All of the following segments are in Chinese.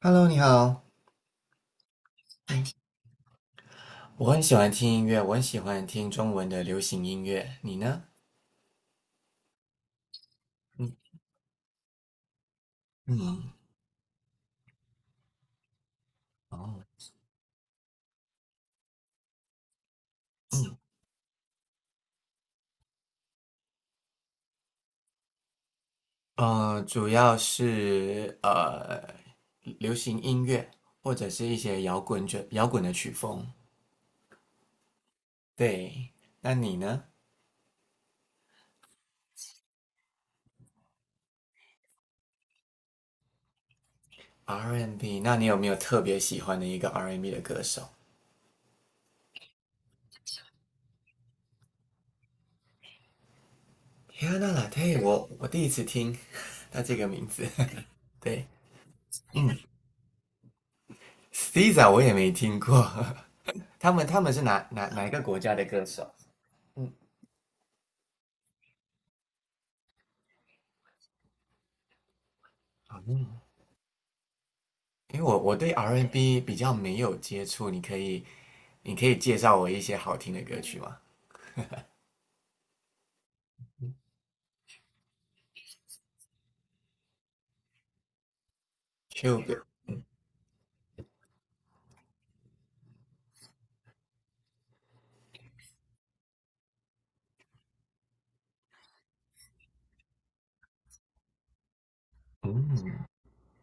Hello，你好。嗯我很喜欢听音乐，我很喜欢听中文的流行音乐。你呢？你嗯，哦，主要是流行音乐，或者是一些摇滚的曲风。对，那你呢？R&B，那你有没有特别喜欢的一个 R&B 的歌手？Rihanna l a 我第一次听 他这个名字。对 s t i z a 我也没听过。他们是哪一个国家的歌手？好因为我对 R&B N 比较没有接触，你可以介绍我一些好听的歌曲吗？Cube，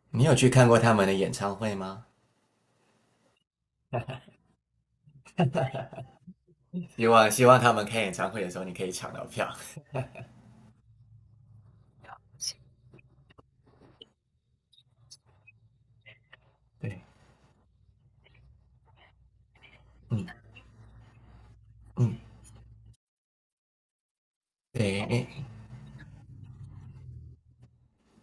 你有去看过他们的演唱会吗？希望他们开演唱会的时候，你可以抢到票。对，嗯嗯，对，诶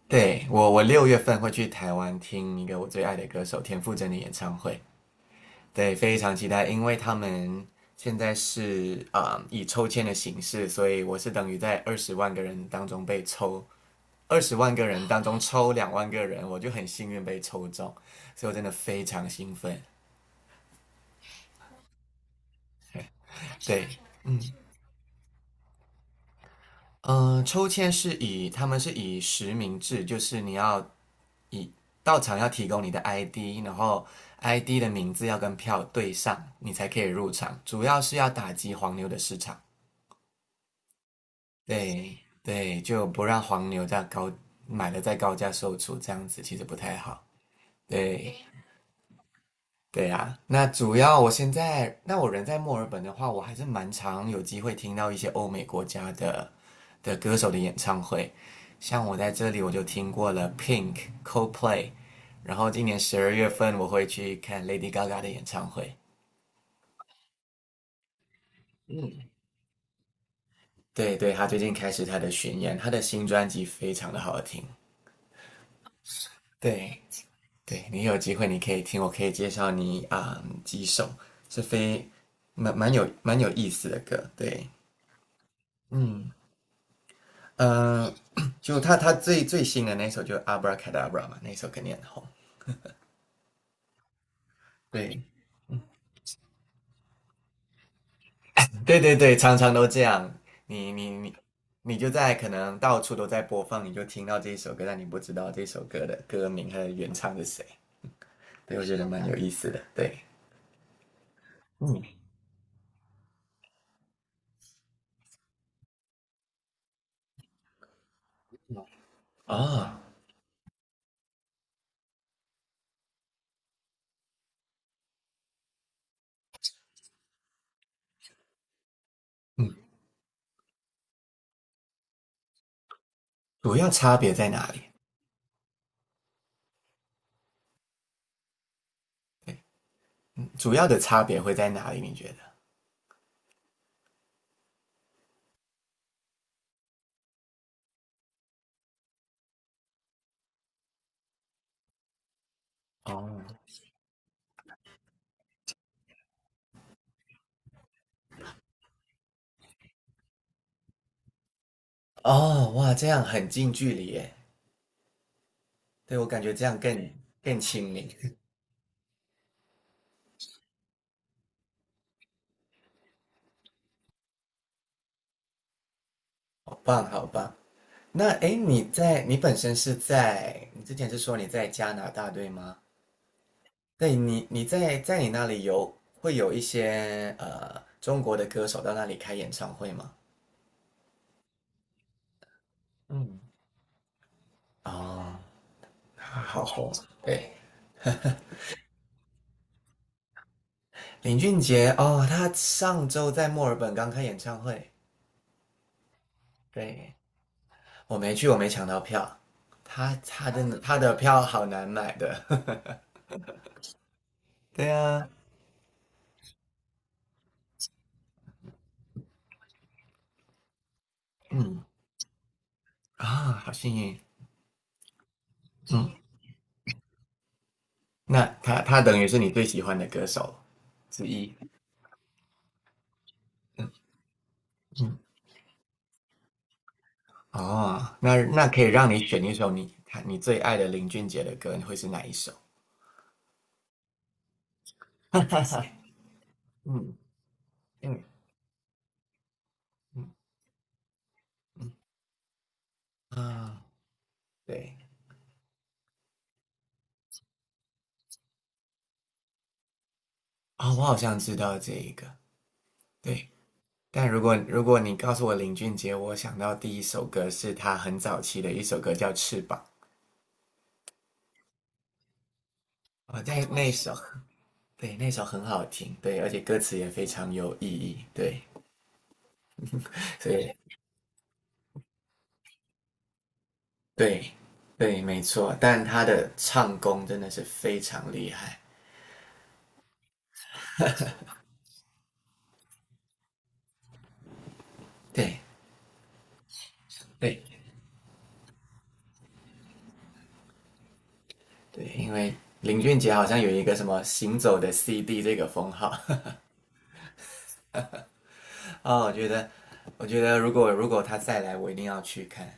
对我6月份会去台湾听一个我最爱的歌手田馥甄的演唱会，对，非常期待，因为他们现在是啊、以抽签的形式，所以我是等于在二十万个人当中被抽二十万个人当中抽2万个人，我就很幸运被抽中，所以我真的非常兴奋。对，抽签是以他们是以实名制，就是你要以到场要提供你的 ID，然后 ID 的名字要跟票对上，你才可以入场。主要是要打击黄牛的市场，对对，就不让黄牛买了再高价售出，这样子其实不太好。对，对呀，那主要我现在，那我人在墨尔本的话，我还是蛮常有机会听到一些欧美国家的歌手的演唱会。像我在这里，我就听过了 Pink、Coldplay，然后今年12月份我会去看 Lady Gaga 的演唱会。对对，她最近开始她的巡演，她的新专辑非常的好听。对对，你有机会你可以听，我可以介绍你啊、几首是非蛮蛮有蛮有意思的歌。对，嗯。嗯，就他最新的那首就《Abra Cadabra》嘛，那首肯定很红。对，对对对，常常都这样。你你你你就在可能到处都在播放，你就听到这一首歌，但你不知道这首歌的歌名和原唱是谁。对，我觉得蛮有意思的。对，嗯啊，嗯，主要差别在哪里？主要的差别会在哪里？你觉得？哦哦，哇，这样很近距离耶。对我感觉这样更亲民，好棒好棒。那诶，你在你本身是在你之前是说你在加拿大对吗？对，你在你那里会有一些中国的歌手到那里开演唱会吗？嗯，哦，他好红，对林俊杰哦，他上周在墨尔本刚开演唱会，对，我没去，我没抢到票。他真的他的票好难买的，对啊，嗯好幸运，嗯。那他等于是你最喜欢的歌手之一。嗯，哦，那可以让你选一首你最爱的林俊杰的歌，你会是哪一首？嗯嗯嗯啊，对啊、我好像知道这一个。对，但如果你告诉我林俊杰，我想到第一首歌是他很早期的一首歌叫《翅膀》啊、哦那首对，那首很好听，对，而且歌词也非常有意义，对，所以对，对，没错，但他的唱功真的是非常厉害。对，对，对，因为林俊杰好像有一个什么"行走的 CD" 这个封号 哦，我觉得，如果他再来，我一定要去看。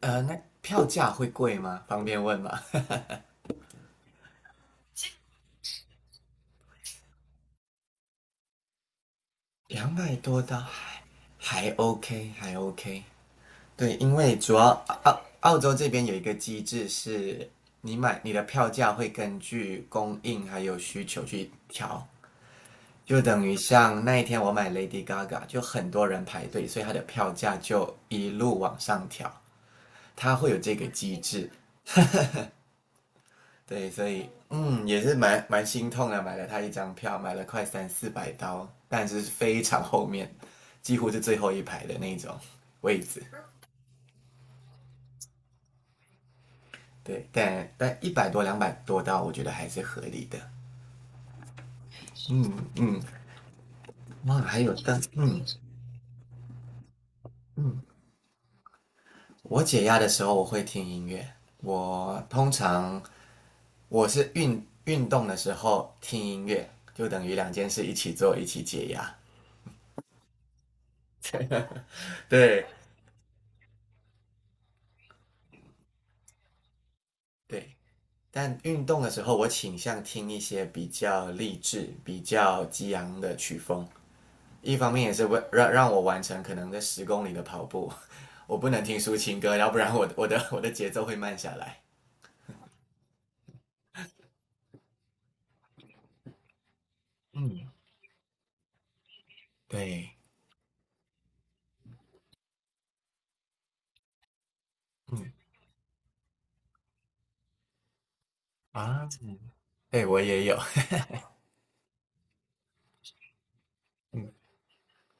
那票价会贵吗？方便问吗？两百多刀还 OK，还 OK。对，因为主要澳洲这边有一个机制是，你的票价会根据供应还有需求去调。就等于像那一天我买 Lady Gaga，就很多人排队，所以它的票价就一路往上调，它会有这个机制。对，所以也是蛮心痛的，买了它一张票，买了快三四百刀，但是非常后面，几乎是最后一排的那种位置。对，但100多、两百多刀，我觉得还是合理的。嗯嗯，哇，还有但嗯嗯，我解压的时候我会听音乐，我通常我是运动的时候听音乐，就等于两件事一起做，一起解压。对对，但运动的时候我倾向听一些比较励志、比较激昂的曲风，一方面也是为让我完成可能在10公里的跑步，我不能听抒情歌，要不然我 我的节奏会慢下来。嗯，对，嗯嗯对我也有，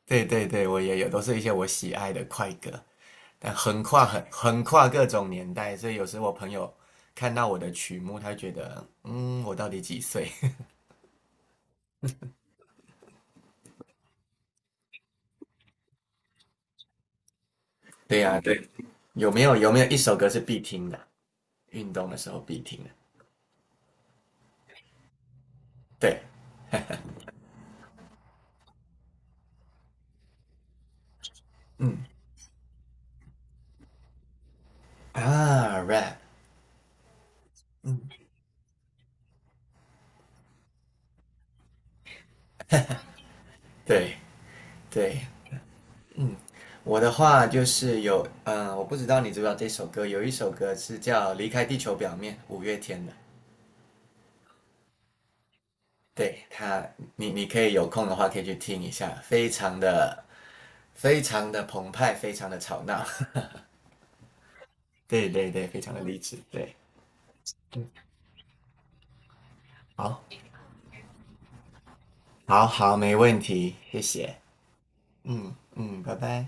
对对对，我也有，都是一些我喜爱的快歌，但横跨各种年代，所以有时我朋友看到我的曲目，他觉得，嗯，我到底几岁？对呀，对，有没有一首歌是必听的？运动的时候必听的，对，嗯rap，嗯，对对，嗯，我的话就是有，我不知道你知不知道这首歌，有一首歌是叫《离开地球表面》，五月天的。对他，你可以有空的话可以去听一下，非常的非常的澎湃，非常的吵闹，对对对，非常的励志，对，好，好好，没问题，谢谢，嗯嗯，拜拜。